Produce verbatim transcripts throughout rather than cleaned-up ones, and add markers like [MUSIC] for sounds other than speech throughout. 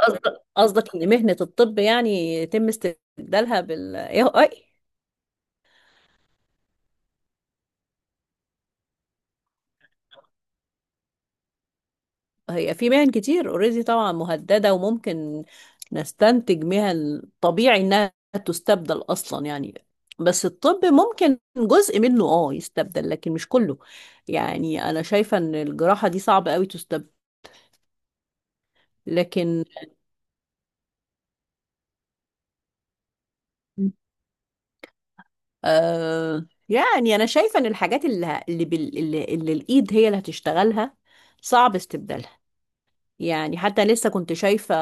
قصدك قصدك ان مهنة الطب يعني يتم استبدالها بال إيه آي. هي في مهن كتير اوريدي طبعا مهددة، وممكن نستنتج مهن طبيعي انها تستبدل اصلا يعني. بس الطب ممكن جزء منه اه يستبدل لكن مش كله. يعني انا شايفة ان الجراحة دي صعبة قوي تستبدل. لكن آه يعني انا شايفة ان الحاجات اللي اللي, بال... اللي اللي الايد هي اللي هتشتغلها صعب استبدالها. يعني حتى لسه كنت شايفة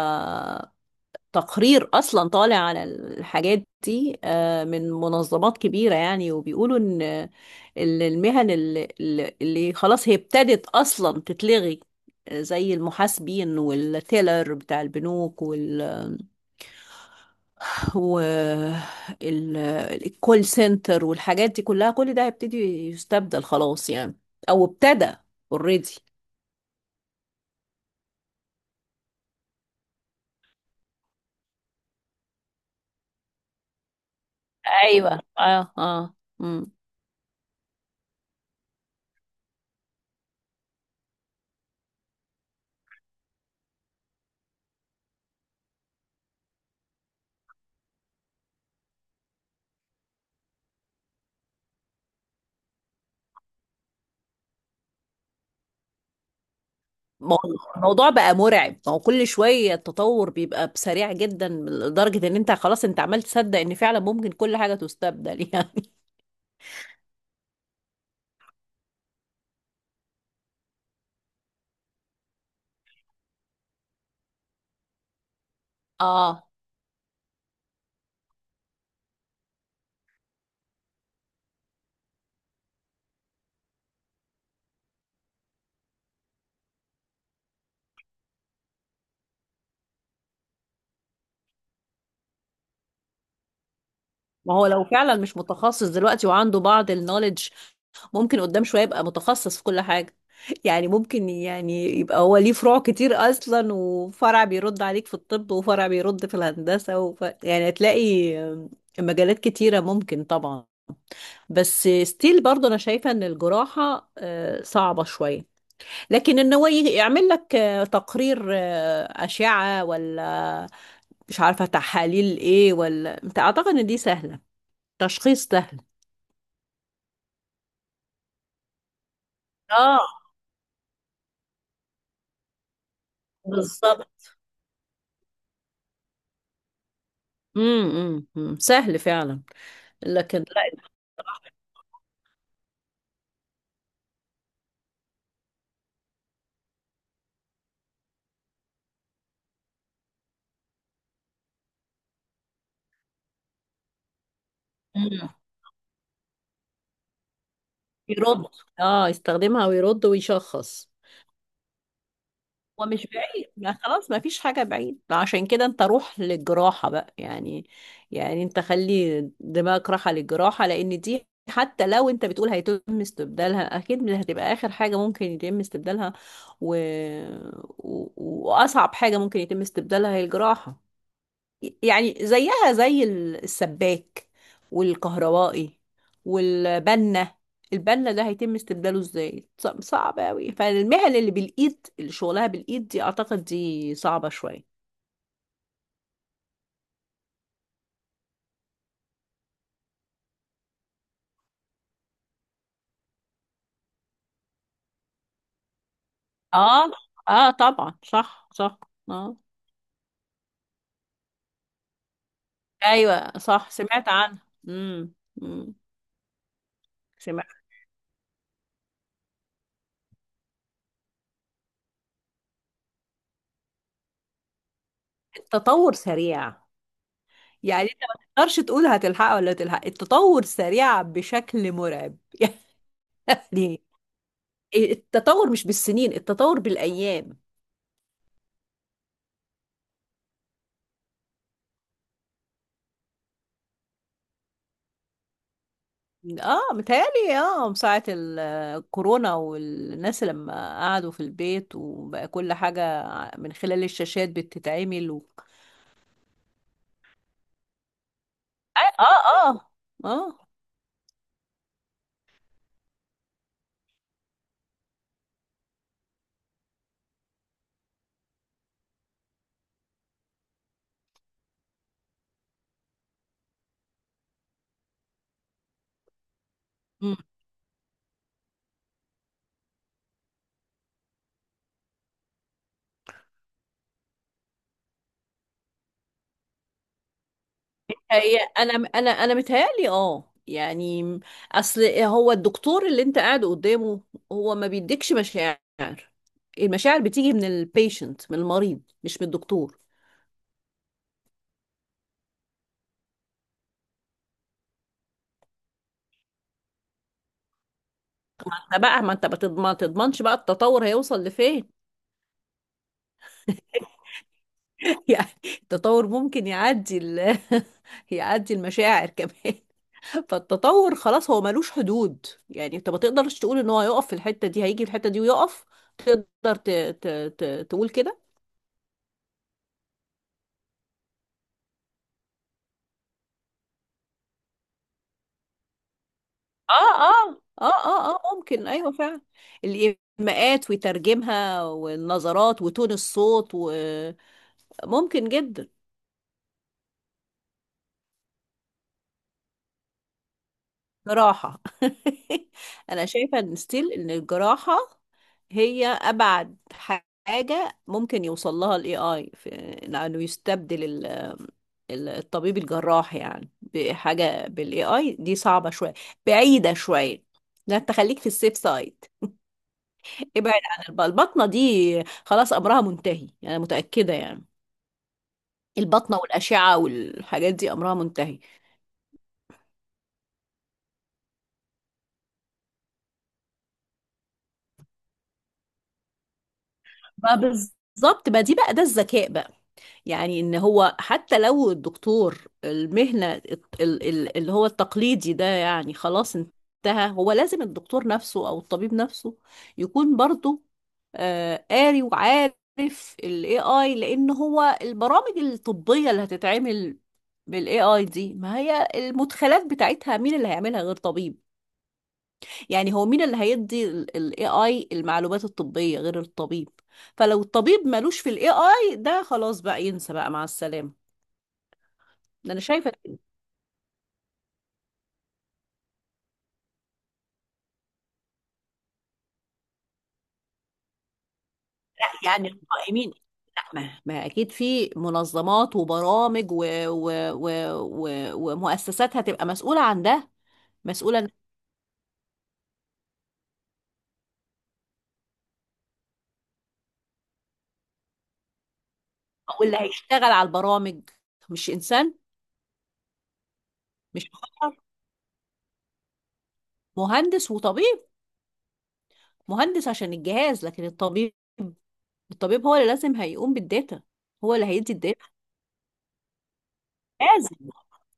تقرير أصلا طالع على الحاجات دي آه، من منظمات كبيرة يعني، وبيقولوا إن ال- المهن اللي, اللي خلاص هي ابتدت أصلا تتلغي آه، زي المحاسبين والتيلر بتاع البنوك وال والكول سنتر والحاجات دي كلها. كل ده هيبتدي يستبدل خلاص يعني، أو ابتدى اوريدي. ايوه، اه، اه. ما هو الموضوع بقى مرعب، ما هو كل شوية التطور بيبقى بسريع جدا لدرجة ان انت خلاص انت عمال تصدق ان فعلا ممكن كل حاجة تستبدل يعني. [LAUGHS] اه. ما هو لو فعلا مش متخصص دلوقتي وعنده بعض النوليدج، ممكن قدام شوية يبقى متخصص في كل حاجة. يعني ممكن يعني يبقى هو ليه فروع كتير اصلا، وفرع بيرد عليك في الطب، وفرع بيرد في الهندسة وف... يعني هتلاقي مجالات كتيرة ممكن طبعا. بس ستيل برضه انا شايفة ان الجراحة آه، صعبة شوية. لكن إن هو يجي- يعمل لك آه، تقرير آه، أشعة، ولا مش عارفة تحاليل إيه، ولا أنت أعتقد إن دي سهلة، تشخيص سهل. اه، بالظبط. امم امم سهل فعلا. لكن لا. مم. يرد. اه، يستخدمها ويرد ويشخص. هو مش بعيد، ما خلاص ما فيش حاجة بعيد. عشان كده انت روح للجراحة بقى يعني. يعني انت خلي دماغك راحة للجراحة، لان دي حتى لو انت بتقول هيتم استبدالها اكيد مش هتبقى اخر حاجة ممكن يتم استبدالها. و... و... واصعب حاجة ممكن يتم استبدالها هي الجراحة. يعني زيها زي ال- السباك والكهربائي والبنة. البنة ده هيتم استبداله ازاي؟ ص- صعب قوي. فالمهن اللي بالايد، اللي شغلها بالايد دي، اعتقد دي صعبة شوية. اه، اه طبعا، صح صح. اه، ايوه صح، سمعت عنها. امم. أمم. سمعت. التطور سريع. يعني انت ما تقدرش تقول هتلحقها ولا تلحق، التطور سريع بشكل مرعب. [LAUGHS] يعني التطور مش بالسنين، التطور بالأيام. اه متهيألي، اه من ساعة الكورونا والناس لما قعدوا في البيت، وبقى كل حاجة من خلال الشاشات بتتعمل و... اه، اه، اه، آه. مم. هي، انا انا انا متهيألي اه يعني، اصل هو الدكتور اللي انت قاعد قدامه هو ما بيديكش مشاعر. المشاعر بتيجي من البيشنت، من المريض، مش من الدكتور. فبقى ما انت بتض- ما تضمنش بقى التطور هيوصل لفين. [LAUGHS] يعني التطور ممكن يعدي ال... [LAUGHS] يعدي المشاعر كمان. [LAUGHS] فالتطور خلاص هو ملوش حدود. يعني انت ما تقدرش تقول ان هو هيقف في الحتة دي، هيجي في الحتة دي ويقف. تقدر ت... ت... ت... تقول كده. اه، اه، اه، اه، اه، ممكن، ايوه فعلا. الايماءات ويترجمها، والنظرات، وتون الصوت، وممكن جدا. جراحة. [LAUGHS] أنا شايفة إن ستيل إن الجراحة هي أبعد حاجة ممكن يوصل لها ال A I في إنه يستبدل ال- ال- الطبيب الجراح. يعني بحاجة بال A I دي صعبة شوية، بعيدة شوية. لا، أنت خليك في السيف سايد. ابعد عن الب- البطنة دي، خلاص أمرها منتهي، أنا متأكدة يعني. البطنة والأشعة والحاجات دي أمرها منتهي. ما بالظبط، ما دي بقى ده الذكاء بقى. يعني ان هو حتى لو الدكتور المهنة الت- ال- ال- اللي هو التقليدي ده يعني خلاص انتهى، هو لازم الدكتور نفسه او الطبيب نفسه يكون برضه آه، قاري وعارف ال إيه آي. لان هو البرامج الطبية اللي هتتعمل بال إيه آي دي، ما هي المدخلات بتاعتها مين اللي هيعملها غير طبيب؟ يعني هو مين اللي هيدي ال ال A I المعلومات الطبية غير الطبيب؟ فلو الطبيب ملوش في ال إيه آي ده خلاص بقى، ينسى بقى، مع السلامة. انا شايفه إن، لا يعني القائمين، لا، ما, ما اكيد في منظمات وبرامج و... و... و... و... ومؤسسات هتبقى مسؤوله عن ده. مسؤوله إن- واللي هيشتغل على البرامج مش انسان، مش بشر. مهندس وطبيب. مهندس عشان الجهاز، لكن الطبيب، الطبيب هو اللي لازم هيقوم بالداتا. هو اللي هيدي الداتا لازم.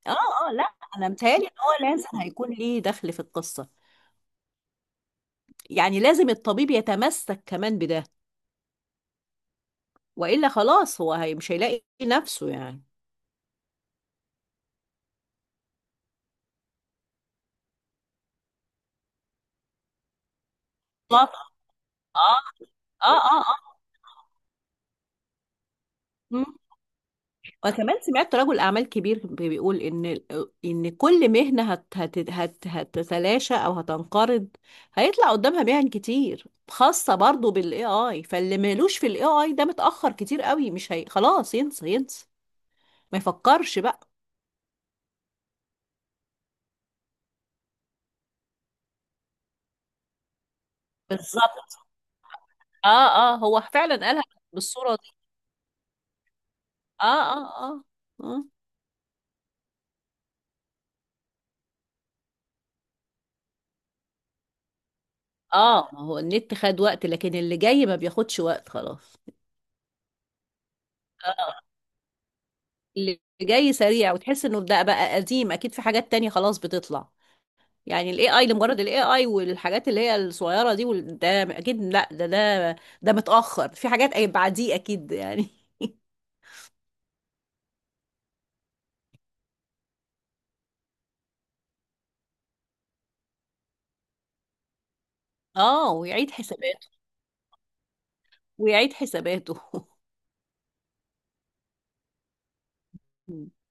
اه، اه، لا انا متهيألي ان هو لازم هيكون ليه دخل في القصه. يعني لازم الطبيب يتمسك كمان بده، والا خلاص هو هي مش هيلاقي نفسه يعني. اه، اه، اه، اه. مم. وكمان سمعت رجل اعمال كبير بيقول ان ان كل مهنه هت هت هت هتتلاشى او هتنقرض، هيطلع قدامها مهن كتير خاصه برضو بالاي اي. فاللي مالوش في الاي اي ده متاخر كتير قوي. مش هي خلاص، ينسى، ينسى، ما يفكرش بقى. بالظبط. اه، اه، هو فعلا قالها بالصوره دي. اه، اه، اه، اه، اه. ما هو النت خد وقت، لكن اللي جاي ما بياخدش وقت خلاص. آه. اللي جاي سريع، وتحس انه ده بقى قديم، اكيد في حاجات تانية خلاص بتطلع. يعني الاي اي لمجرد الاي اي والحاجات اللي هي الصغيرة دي وال- ده اكيد لا، ده ده ده متأخر في حاجات، أي- بعديه اكيد يعني. [LAUGHS] اه، ويعيد حساباته. ويعيد حساباته. [LAUGHS]